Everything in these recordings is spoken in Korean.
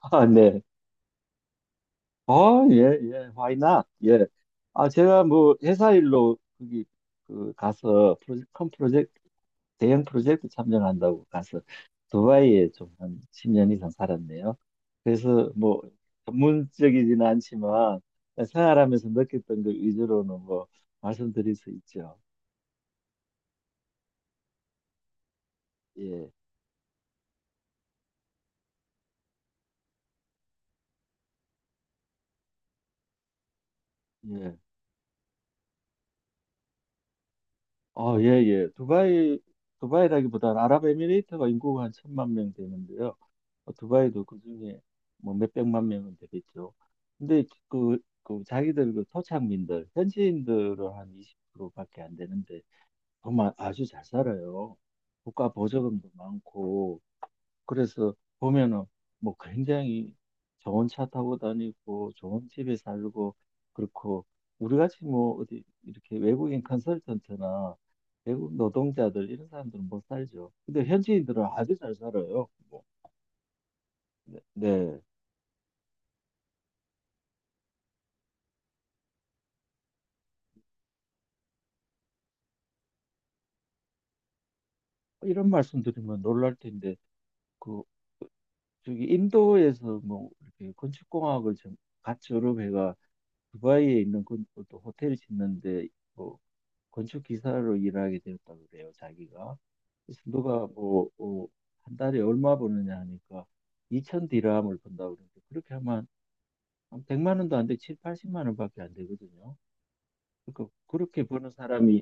아, 네. 예, 예, why not? 예. 아, 제가 뭐 회사 일로 거기 그 가서 프로젝트, 큰 프로젝트, 대형 프로젝트 참여한다고 가서 두바이에 좀 한 10년 이상 살았네요. 그래서 뭐 전문적이지는 않지만 생활하면서 느꼈던 그 위주로는 뭐 말씀드릴 수 있죠. 예, 예. 예, 예. 두바이, 두바이라기보다는 아랍에미레이트가 인구가 한 1,000만 명 되는데요. 두바이도 그중에 뭐 몇백만 명은 되겠죠. 근데 그 자기들 그 토착민들, 현지인들은 한 20%밖에 안 되는데 정말 아주 잘 살아요. 국가 보조금도 많고 그래서 보면은 뭐 굉장히 좋은 차 타고 다니고 좋은 집에 살고 그렇고 우리같이 뭐 어디 이렇게 외국인 컨설턴트나 외국 노동자들 이런 사람들은 못 살죠. 근데 현지인들은 아주 잘 살아요. 뭐, 네. 네. 이런 말씀 드리면 놀랄 텐데 그 저기 인도에서 뭐 이렇게 건축공학을 좀 같이 여러 회가 두바이에 있는 건, 또 호텔 짓는데 뭐 건축 기사로 일하게 되었다 그래요 자기가. 그래서 누가 뭐 한 달에 얼마 버느냐 하니까 2천 디람을 번다 그러는데 그렇게 하면 한 100만 원도 안 돼, 7, 80만 원밖에 안 되거든요. 그러니까 그렇게 버는 사람이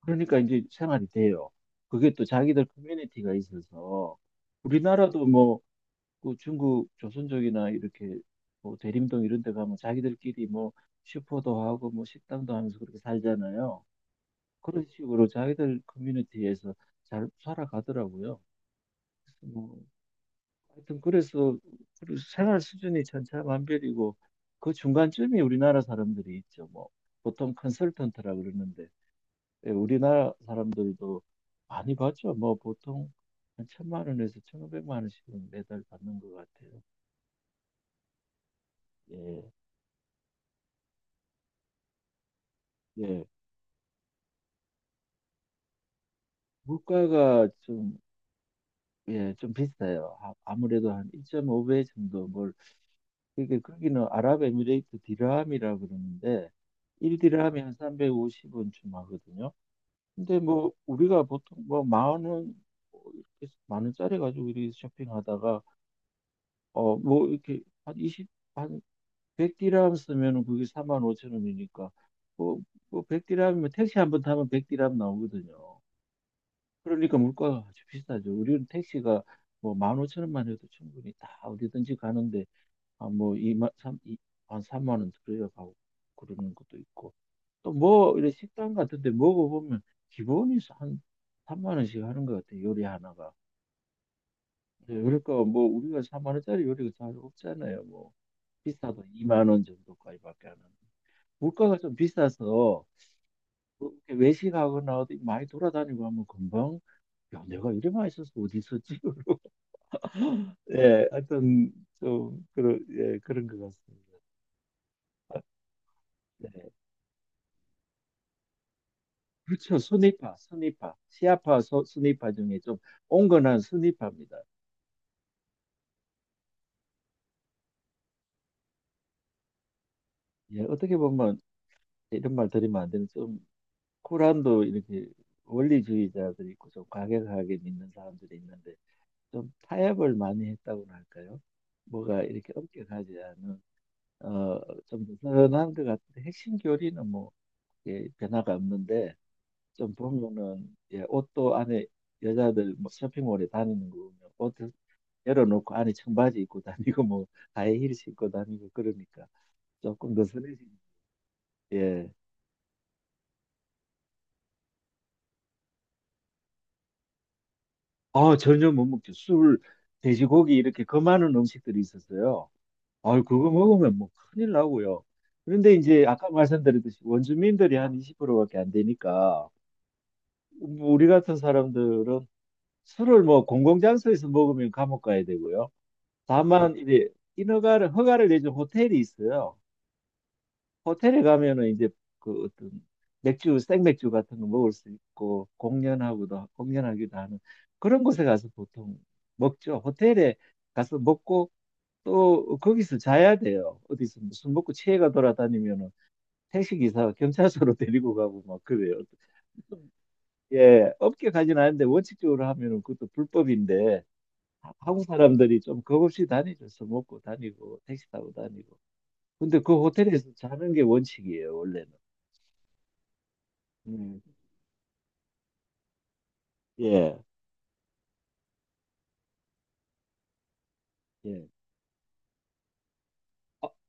그러니까 이제 생활이 돼요. 그게 또 자기들 커뮤니티가 있어서 우리나라도 뭐그 중국 조선족이나 이렇게 뭐 대림동 이런 데 가면 자기들끼리 뭐 슈퍼도 하고 뭐 식당도 하면서 그렇게 살잖아요. 그런 식으로 자기들 커뮤니티에서 잘 살아가더라고요. 그래서 뭐 하여튼 그래서 우리 생활 수준이 천차만별이고 그 중간쯤이 우리나라 사람들이 있죠. 뭐 보통 컨설턴트라 그러는데 예, 우리나라 사람들도 많이 받죠. 뭐 보통 한 1,000만 원에서 1,500만 원씩은 매달 받는 것 같아요. 예, 예. 물가가 좀, 예, 좀 비싸요. 아, 아무래도 한 1.5배 정도 뭘, 그게 거기는 아랍에미레이트 디람이라 그러는데 1디람이 한 350원쯤 하거든요. 근데 뭐 우리가 보통 뭐 만 원, 뭐 이렇게 만 원짜리 가지고 이렇게 쇼핑하다가 뭐 이렇게 한 20, 한 100디람 쓰면은 그게 4만 5천 원이니까 뭐, 뭐 100디람이면 택시 한 번 타면 100디람 나오거든요. 그러니까 물가가 아주 비싸죠. 우리는 택시가 뭐 1 5천원만 오천 원만 해도 충분히 다 어디든지 가는데 아, 뭐 이만 삼 이한 3만 원 들어야 가고 그러는 것도 있고 또 뭐 이런 식당 같은데 먹어보면 기본이 한 3만 원씩 하는 것 같아요. 요리 하나가. 네, 그러니까 뭐 우리가 4만 원짜리 요리가 잘 없잖아요. 뭐 비싸도 2만 원 정도까지밖에 안 하는데. 물가가 좀 비싸서 렇게 외식하거나 어디 많이 돌아다니고 하면 금방 야 내가 이래 많이 써서 어디 있었지? 예, 하여튼 좀 그런 예, 그런 것 같습니다. 네. 그렇죠. 순위파, 순위파, 시아파, 소, 순위파 중에 좀 온건한 순위파입니다. 예, 어떻게 보면 이런 말 드리면 안 되는 좀 쿠란도 이렇게 원리주의자들이 있고 좀 과격하게 믿는 사람들이 있는데 좀 타협을 많이 했다고나 할까요? 뭐가 이렇게 엄격하지 않은 어, 좀 느슨한 것 같은데 핵심 교리는 뭐 예, 변화가 없는데 좀 보면은 예, 옷도 안에 여자들 뭐 쇼핑몰에 다니는 거 보면 옷 열어놓고 안에 청바지 입고 다니고 뭐 하이힐 신고 다니고 그러니까 조금 느슨해지죠. 예. 아 전혀 못 먹죠. 술, 돼지고기 이렇게 그 많은 음식들이 있었어요. 아 그거 먹으면 뭐 큰일 나고요. 그런데 이제 아까 말씀드렸듯이 원주민들이 한 20%밖에 안 되니까 뭐 우리 같은 사람들은 술을 뭐 공공장소에서 먹으면 감옥 가야 되고요. 다만 이제 인허가를 허가를 내준 호텔이 있어요. 호텔에 가면은 이제 그 어떤 맥주 생맥주 같은 거 먹을 수 있고 공연하고도 공연하기도 하는 그런 곳에 가서 보통 먹죠. 호텔에 가서 먹고 또 거기서 자야 돼요. 어디서 무슨 먹고 취해가 돌아다니면은 택시기사 경찰서로 데리고 가고 막 그래요. 예, 업계 가진 않는데 원칙적으로 하면은 그것도 불법인데 한국 사람들이 좀 겁없이 다니죠. 술 먹고 다니고 택시 타고 다니고. 근데 그 호텔에서 자는 게 원칙이에요, 원래는. 음, 예, 예.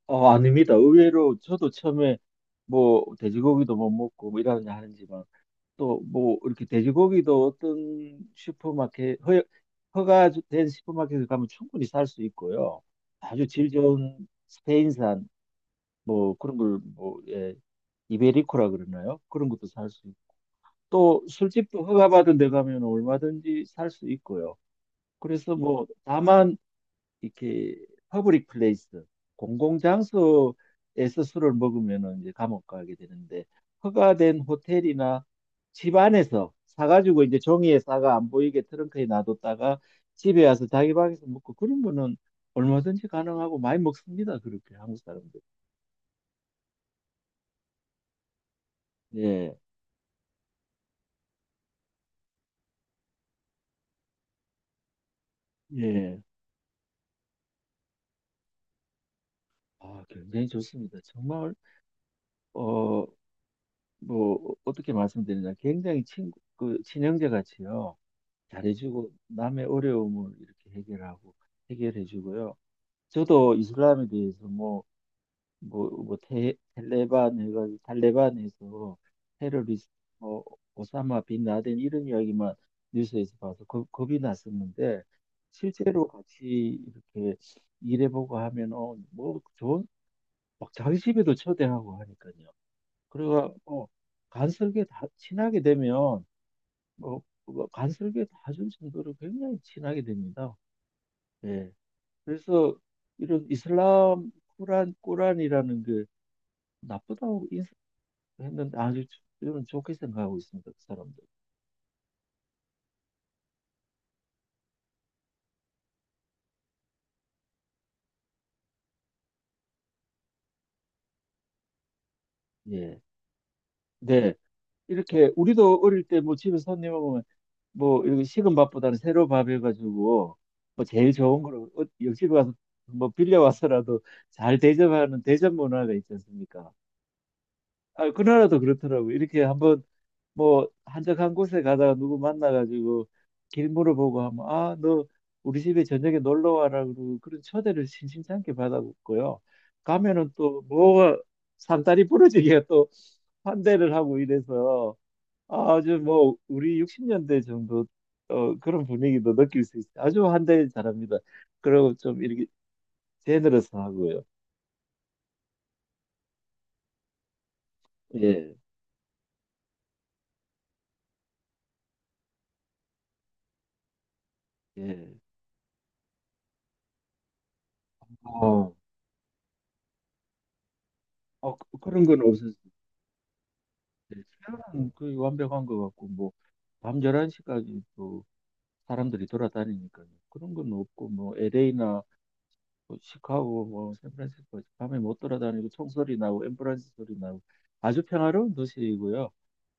아닙니다. 의외로 저도 처음에 뭐 돼지고기도 못 먹고 뭐 이러냐 하는지만 또 뭐 이렇게 돼지고기도 어떤 슈퍼마켓 허가된 슈퍼마켓에 가면 충분히 살 수 있고요. 아주 질 좋은 스페인산 뭐 그런 걸뭐 예, 이베리코라 그러나요? 그런 것도 살 수 있고 또 술집도 허가받은 데 가면 얼마든지 살 수 있고요. 그래서 뭐 다만 이렇게 퍼블릭 플레이스 공공장소에서 술을 먹으면은 이제 감옥 가게 되는데 허가된 호텔이나 집 안에서 사가지고 이제 종이에 싸가 안 보이게 트렁크에 놔뒀다가 집에 와서 자기 방에서 먹고 그런 거는 얼마든지 가능하고 많이 먹습니다. 그렇게 한국 사람들. 예, 예. 아, 굉장히 좋습니다. 정말 어 뭐 떻게 말씀드리냐 굉장히 친구 그 친형제 같이요. 잘해주고 남의 어려움을 이렇게 해결하고 해결해주고요. 저도 이슬람에 대해서 뭐 뭐뭐 텔레반 해가지고 탈레반에서 테러리스트 뭐 오사마 빈 라덴 이런 이야기만 뉴스에서 봐서 겁이 났었는데 실제로 같이 이렇게 일해보고 하면 뭐 좋은 막 자기 집에도 초대하고 하니까요. 그래가 뭐 간설계 다 친하게 되면 뭐 그거 간설계 다 준 정도로 굉장히 친하게 됩니다. 예. 그래서 이런 이슬람 꾸란 꾸란이라는 게 나쁘다고 인식했는데 아주 저는 좋게 생각하고 있습니다. 그 사람들. 예. 네. 이렇게 우리도 어릴 때 뭐 집에 손님 오면 뭐 이렇게 식은 밥보다는 새로 밥 해가지고 뭐 제일 좋은 거로 옆집에 가서 뭐 빌려와서라도 잘 대접하는 대접 문화가 있지 않습니까? 아, 그 나라도 그렇더라고. 이렇게 한번 뭐 한적한 곳에 가다가 누구 만나가지고 길 물어보고 하면 아, 너 우리 집에 저녁에 놀러 와라 그러고 그런 초대를 심심찮게 받았고요. 가면은 또 뭐가 산다리 부러지게 또 환대를 하고 이래서 아주 뭐 우리 60년대 정도 그런 분위기도 느낄 수 있어요. 아주 환대 잘합니다. 그리고 좀 이렇게 제너러스 하고요. 예, 예. 어, 그런 건 없어요. 네, 수면은 거의 완벽한 것 같고, 뭐, 밤 11시까지 또 사람들이 돌아다니니까요. 그런 건 없고, 뭐, LA나 시카고, 뭐, 샌프란시스코, 밤에 못 돌아다니고 총소리 나고, 앰뷸런스 소리 나고, 아주 평화로운 도시이고요.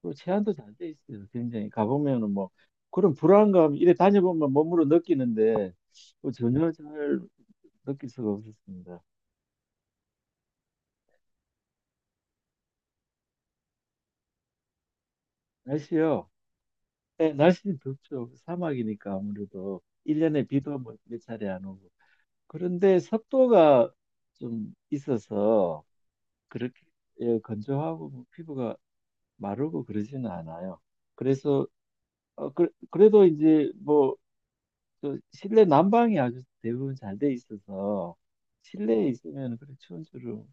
그리고 치안도 잘 돼 있어요. 굉장히. 가보면은 뭐, 그런 불안감, 이래 다녀보면 몸으로 느끼는데, 뭐 전혀 잘 느낄 수가 없었습니다. 날씨요? 네, 날씨는 덥죠. 사막이니까 아무래도. 일년에 비도 뭐 몇 차례 안 오고. 그런데 습도가 좀 있어서 그렇게 예, 건조하고 뭐 피부가 마르고 그러지는 않아요. 그래서 어, 그, 래도 이제 뭐저 실내 난방이 아주 대부분 잘 돼 있어서 실내에 있으면 그래 추운 줄을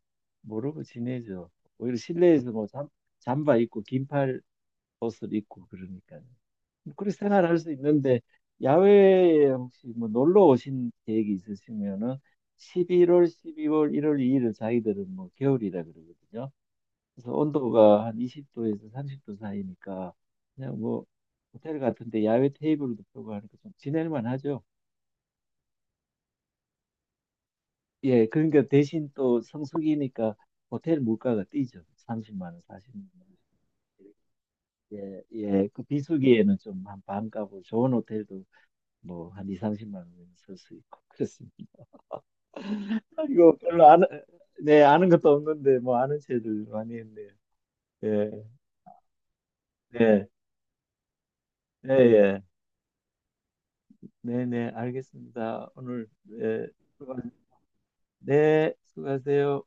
모르고 지내죠. 오히려 실내에서 뭐 잠바 입고 긴팔 옷을 입고 그러니까요. 뭐 그렇게 생활할 수 있는데 야외에 혹시 뭐 놀러 오신 계획이 있으시면은 11월, 12월, 1월, 2일을 자기들은 뭐 겨울이라 그러거든요. 그래서 온도가 한 20도에서 30도 사이니까 그냥 뭐 호텔 같은데 야외 테이블도 펴고 하니까 좀 지낼만 하죠. 예, 그러니까 대신 또 성수기니까 호텔 물가가 뛰죠. 30만 원, 40만 원. 예, 예, 그 비수기에는 좀 한 반값으로 좋은 호텔도 뭐 한 2, 30만 원은 쓸 수 있고 그랬습니다. 이거 별로 아는, 네, 아는 것도 없는데, 뭐 아는 체를 많이 했네요. 예, 네, 네, 예, 네, 네, 알겠습니다. 오늘, 예, 수고- 네, 수고하세요.